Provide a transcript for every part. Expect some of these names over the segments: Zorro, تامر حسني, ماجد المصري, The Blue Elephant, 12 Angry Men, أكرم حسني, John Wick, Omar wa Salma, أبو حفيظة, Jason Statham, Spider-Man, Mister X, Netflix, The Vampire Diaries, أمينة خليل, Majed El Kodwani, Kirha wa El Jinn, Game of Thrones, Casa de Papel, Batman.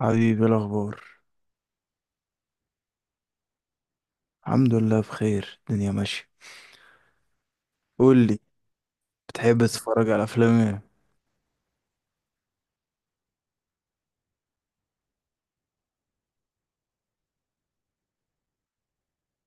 حبيبي، إيه الاخبار؟ الحمد لله بخير. الدنيا ماشيه. قول لي، بتحب تتفرج على افلام ايه؟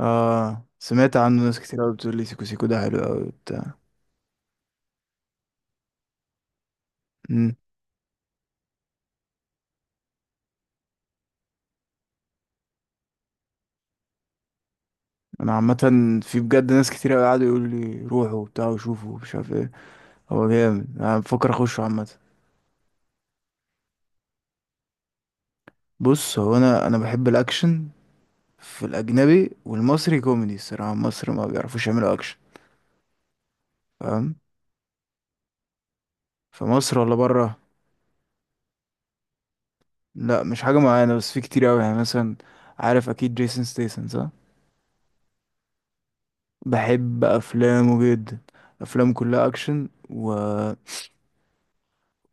اه، سمعت عنه ناس كتير قوي بتقول لي سيكو سيكو ده حلو قوي وبتاع. امم انا عامه، في بجد ناس كتير قوي قعدوا يقولوا لي روحوا وبتاع وشوفوا ومش عارف ايه. هو جامد، انا بفكر اخشه عامه. بص، هو انا بحب الاكشن في الاجنبي والمصري كوميدي. الصراحه مصر ما بيعرفوش يعملوا اكشن، فاهم؟ في مصر ولا بره؟ لا مش حاجه معينه، بس في كتير قوي يعني. مثلا عارف اكيد جيسون ستيسن، صح؟ بحب افلامه جدا، افلام كلها اكشن و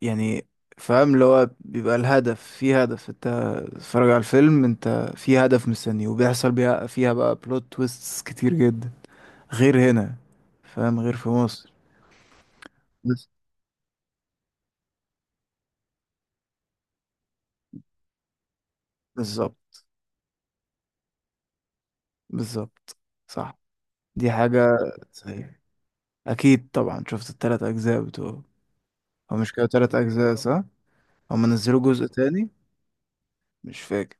يعني. فاهم اللي هو بيبقى الهدف، في هدف انت تتفرج على الفيلم. انت في هدف مستنيه وبيحصل بيها فيها بقى بلوت تويستس كتير جدا، غير هنا. فاهم؟ غير في مصر. بس بالظبط، بالظبط، صح، دي حاجة صحيح. اكيد طبعا شفت التلات اجزاء بتوعه. هو مش كده تلات اجزاء، صح؟ هم نزلوا جزء تاني، مش فاكر.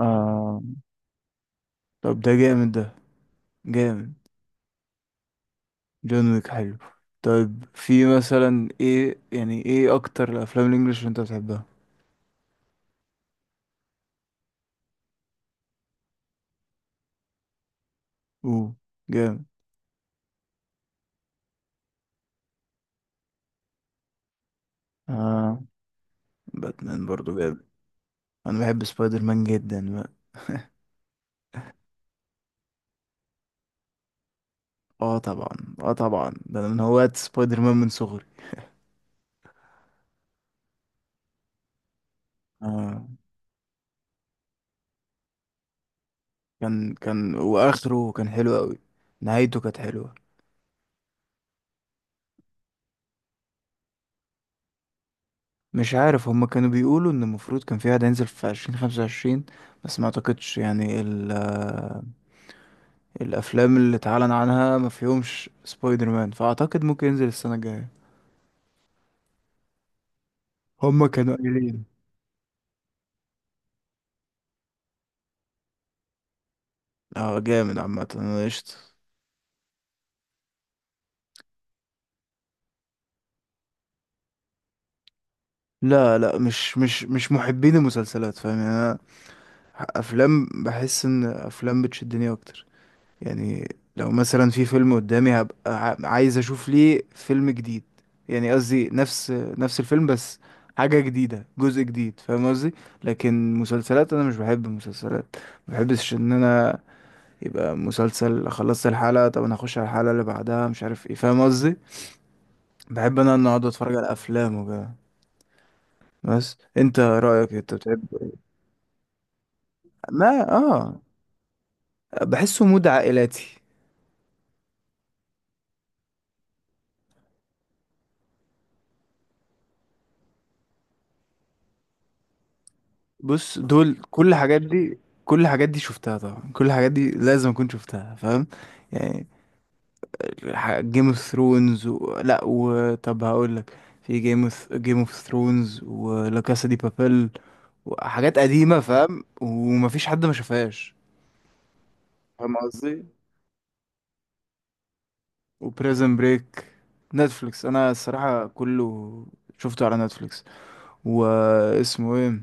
آه، طب ده جامد ده، جامد. جون ويك حلو. طيب، في مثلا ايه يعني، ايه اكتر الافلام الانجليش اللي انت بتحبها؟ اوه، جامد. اه، باتمان برضو جامد. انا بحب سبايدر مان جدا بقى. اه طبعا، اه طبعا، ده انا من هواة سبايدر مان من صغري. اه، كان واخره كان حلو قوي. نهايته كانت حلوة. مش عارف، هما كانوا بيقولوا ان المفروض كان في واحد هينزل في عشرين خمسة وعشرين، بس ما اعتقدش يعني ال الافلام اللي اتعلن عنها ما فيهمش سبايدر مان، فاعتقد ممكن ينزل السنه الجايه. هما كانوا قايلين. اه جامد، عامه انا قشطه. لا لا، مش محبين المسلسلات، فاهم يعني. انا افلام بحس ان افلام بتشدني اكتر يعني. لو مثلا في فيلم قدامي هبقى عايز اشوف ليه فيلم جديد يعني. قصدي نفس الفيلم، بس حاجة جديدة، جزء جديد، فاهم قصدي. لكن مسلسلات انا مش بحب المسلسلات. ما بحبش ان انا يبقى مسلسل خلصت الحلقة، طب انا هخش على الحلقة اللي بعدها، مش عارف ايه. فاهم قصدي؟ بحب انا ان اقعد اتفرج على افلام وكده. بس انت رأيك إيه؟ انت بتحب؟ ما اه، بحسه مود عائلاتي. بص دول كل الحاجات دي، كل الحاجات دي شفتها طبعا، كل الحاجات دي لازم اكون شفتها، فاهم يعني. جيم اوف ثرونز و... لا، وطب هقول لك، في جيم اوف ثرونز ولا كاسا دي بابيل وحاجات قديمة، فاهم؟ ومفيش حد ما شافهاش. فاهم قصدي. وبريزن بريك. نتفليكس، انا الصراحة كله شفته على نتفليكس. واسمه ايه؟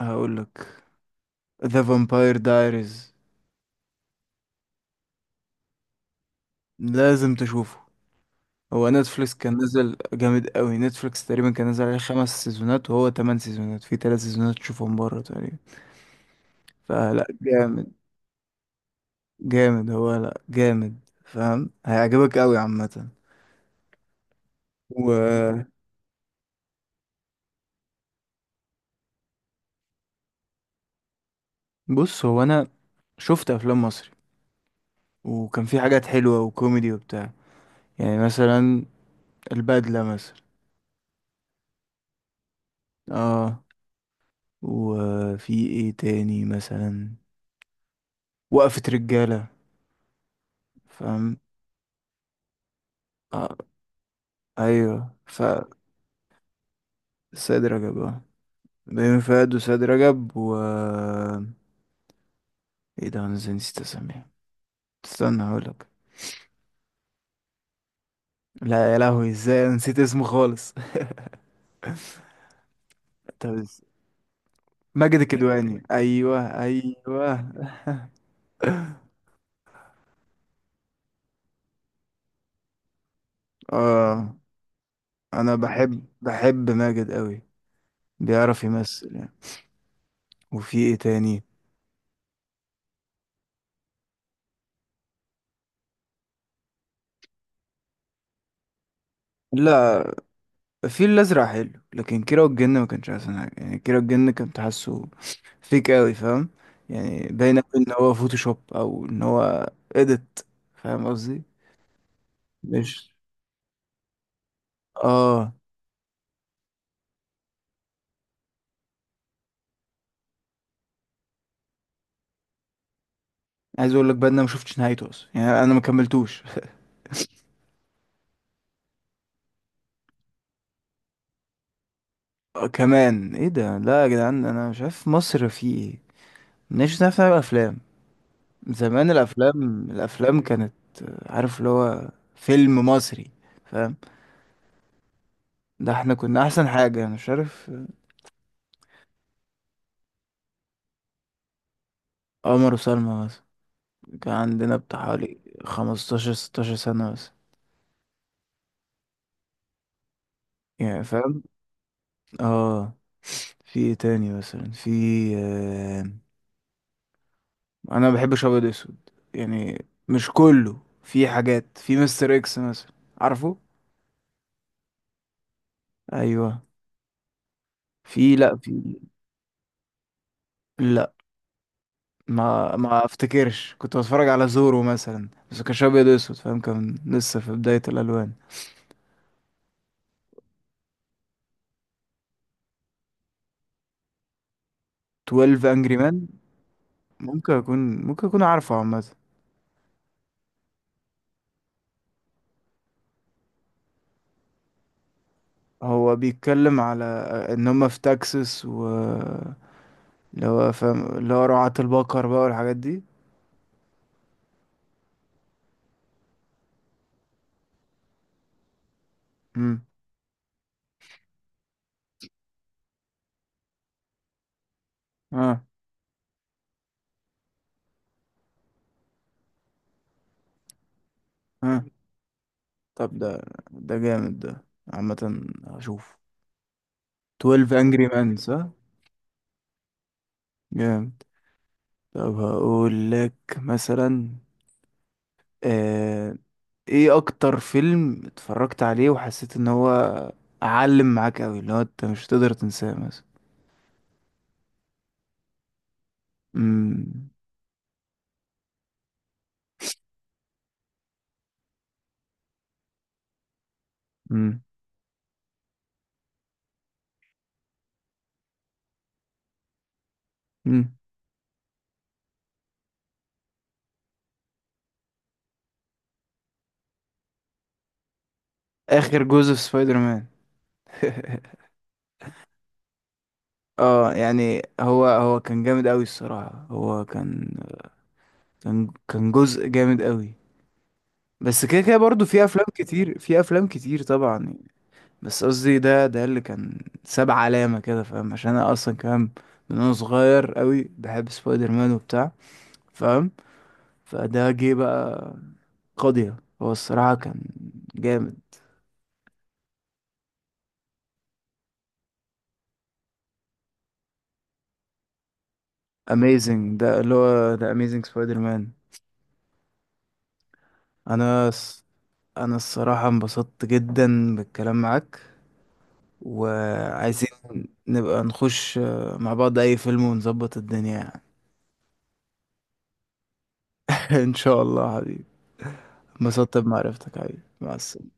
هقولك، ذا فامباير دايريز. لازم تشوفه. هو نتفليكس كان نزل جامد قوي، نتفليكس تقريبا كان نزل عليه خمس سيزونات وهو تمن سيزونات، في ثلاث سيزونات تشوفهم بره تقريبا. فلا جامد، جامد، هو لا جامد، فاهم هيعجبك قوي عامة. وبص، هو انا شفت افلام مصري وكان في حاجات حلوة وكوميدي وبتاع. يعني مثلا البدلة مثلا. اه. وفي ايه تاني مثلا؟ وقفة رجالة، فاهم. آه. ايوه، ف سيد رجب، اه. بين فؤاد وسيد رجب و ايه ده، انا ازاي نسيت اسميه؟ استنى هقولك. لا يا لهوي، ازاي أنا نسيت اسمه خالص. طب ماجد الكدواني، ايوه ايوه. اه، انا بحب ماجد قوي. بيعرف يمثل يعني. وفي ايه تاني؟ لا، الفيل الأزرق حلو، لكن كيرة والجن ما كانش أحسن حاجة يعني. كيرة والجن كنت حاسه فيك أوي، فاهم؟ يعني باين أوي إن هو فوتوشوب أو إن هو إيديت، فاهم قصدي؟ مش آه، عايز أقول لك بقى إن أنا ما شفتش نهايته أصلا يعني، أنا ما كملتوش. آه، كمان إيه ده. لا يا جدعان، أنا مش عارف مصر في إيه. مش عارف نعمل أفلام. زمان الأفلام، الأفلام كانت آه، عارف اللي هو فيلم مصري، فاهم؟ ده احنا كنا أحسن حاجة. أنا مش عارف آه، عمر وسلمى، كان عندنا بتاع حوالي خمستاشر ستاشر سنة بس يعني، فاهم؟ اه، في ايه تاني مثلا؟ في آه... انا ما بحبش ابيض اسود يعني، مش كله. في حاجات، في مستر اكس مثلا، عارفه؟ ايوه، في لا في لا ما افتكرش. كنت بتفرج على زورو مثلا، بس كانش ابيض اسود، فاهم؟ كان لسه في بداية الالوان. 12 انجري مان، ممكن اكون عارفه عامة. هو بيتكلم على ان هم في تكساس و اللي هو فاهم اللي هو رعاة البقر بقى والحاجات دي. امم، اه، اه. طب ده جامد ده. عامة هشوف. 12 Angry Men، صح؟ جامد. طب هقول لك مثلا آه... ايه اكتر فيلم اتفرجت عليه وحسيت ان هو علم معاك قوي، اللي هو انت مش هتقدر تنساه مثلا؟ امم، امم. اخر جزء في سبايدر مان. اه، يعني هو كان جامد قوي الصراحة. هو كان، كان جزء جامد قوي. بس كده كده برضه في افلام كتير، في افلام كتير طبعا يعني. بس قصدي ده اللي كان ساب علامة كده، فاهم؟ عشان انا اصلا كمان من وانا صغير قوي بحب سبايدر مان وبتاع، فاهم؟ فده جه بقى قضية. هو الصراحة كان جامد. اميزنج، ده اللي هو ده اميزنج سبايدر مان. انا الص- انا الصراحة انبسطت جدا بالكلام معاك، وعايزين نبقى نخش آه، مع بعض أي فيلم ونظبط الدنيا يعني. إن شاء الله حبيبي. انبسطت بمعرفتك حبيبي، مع السلامة.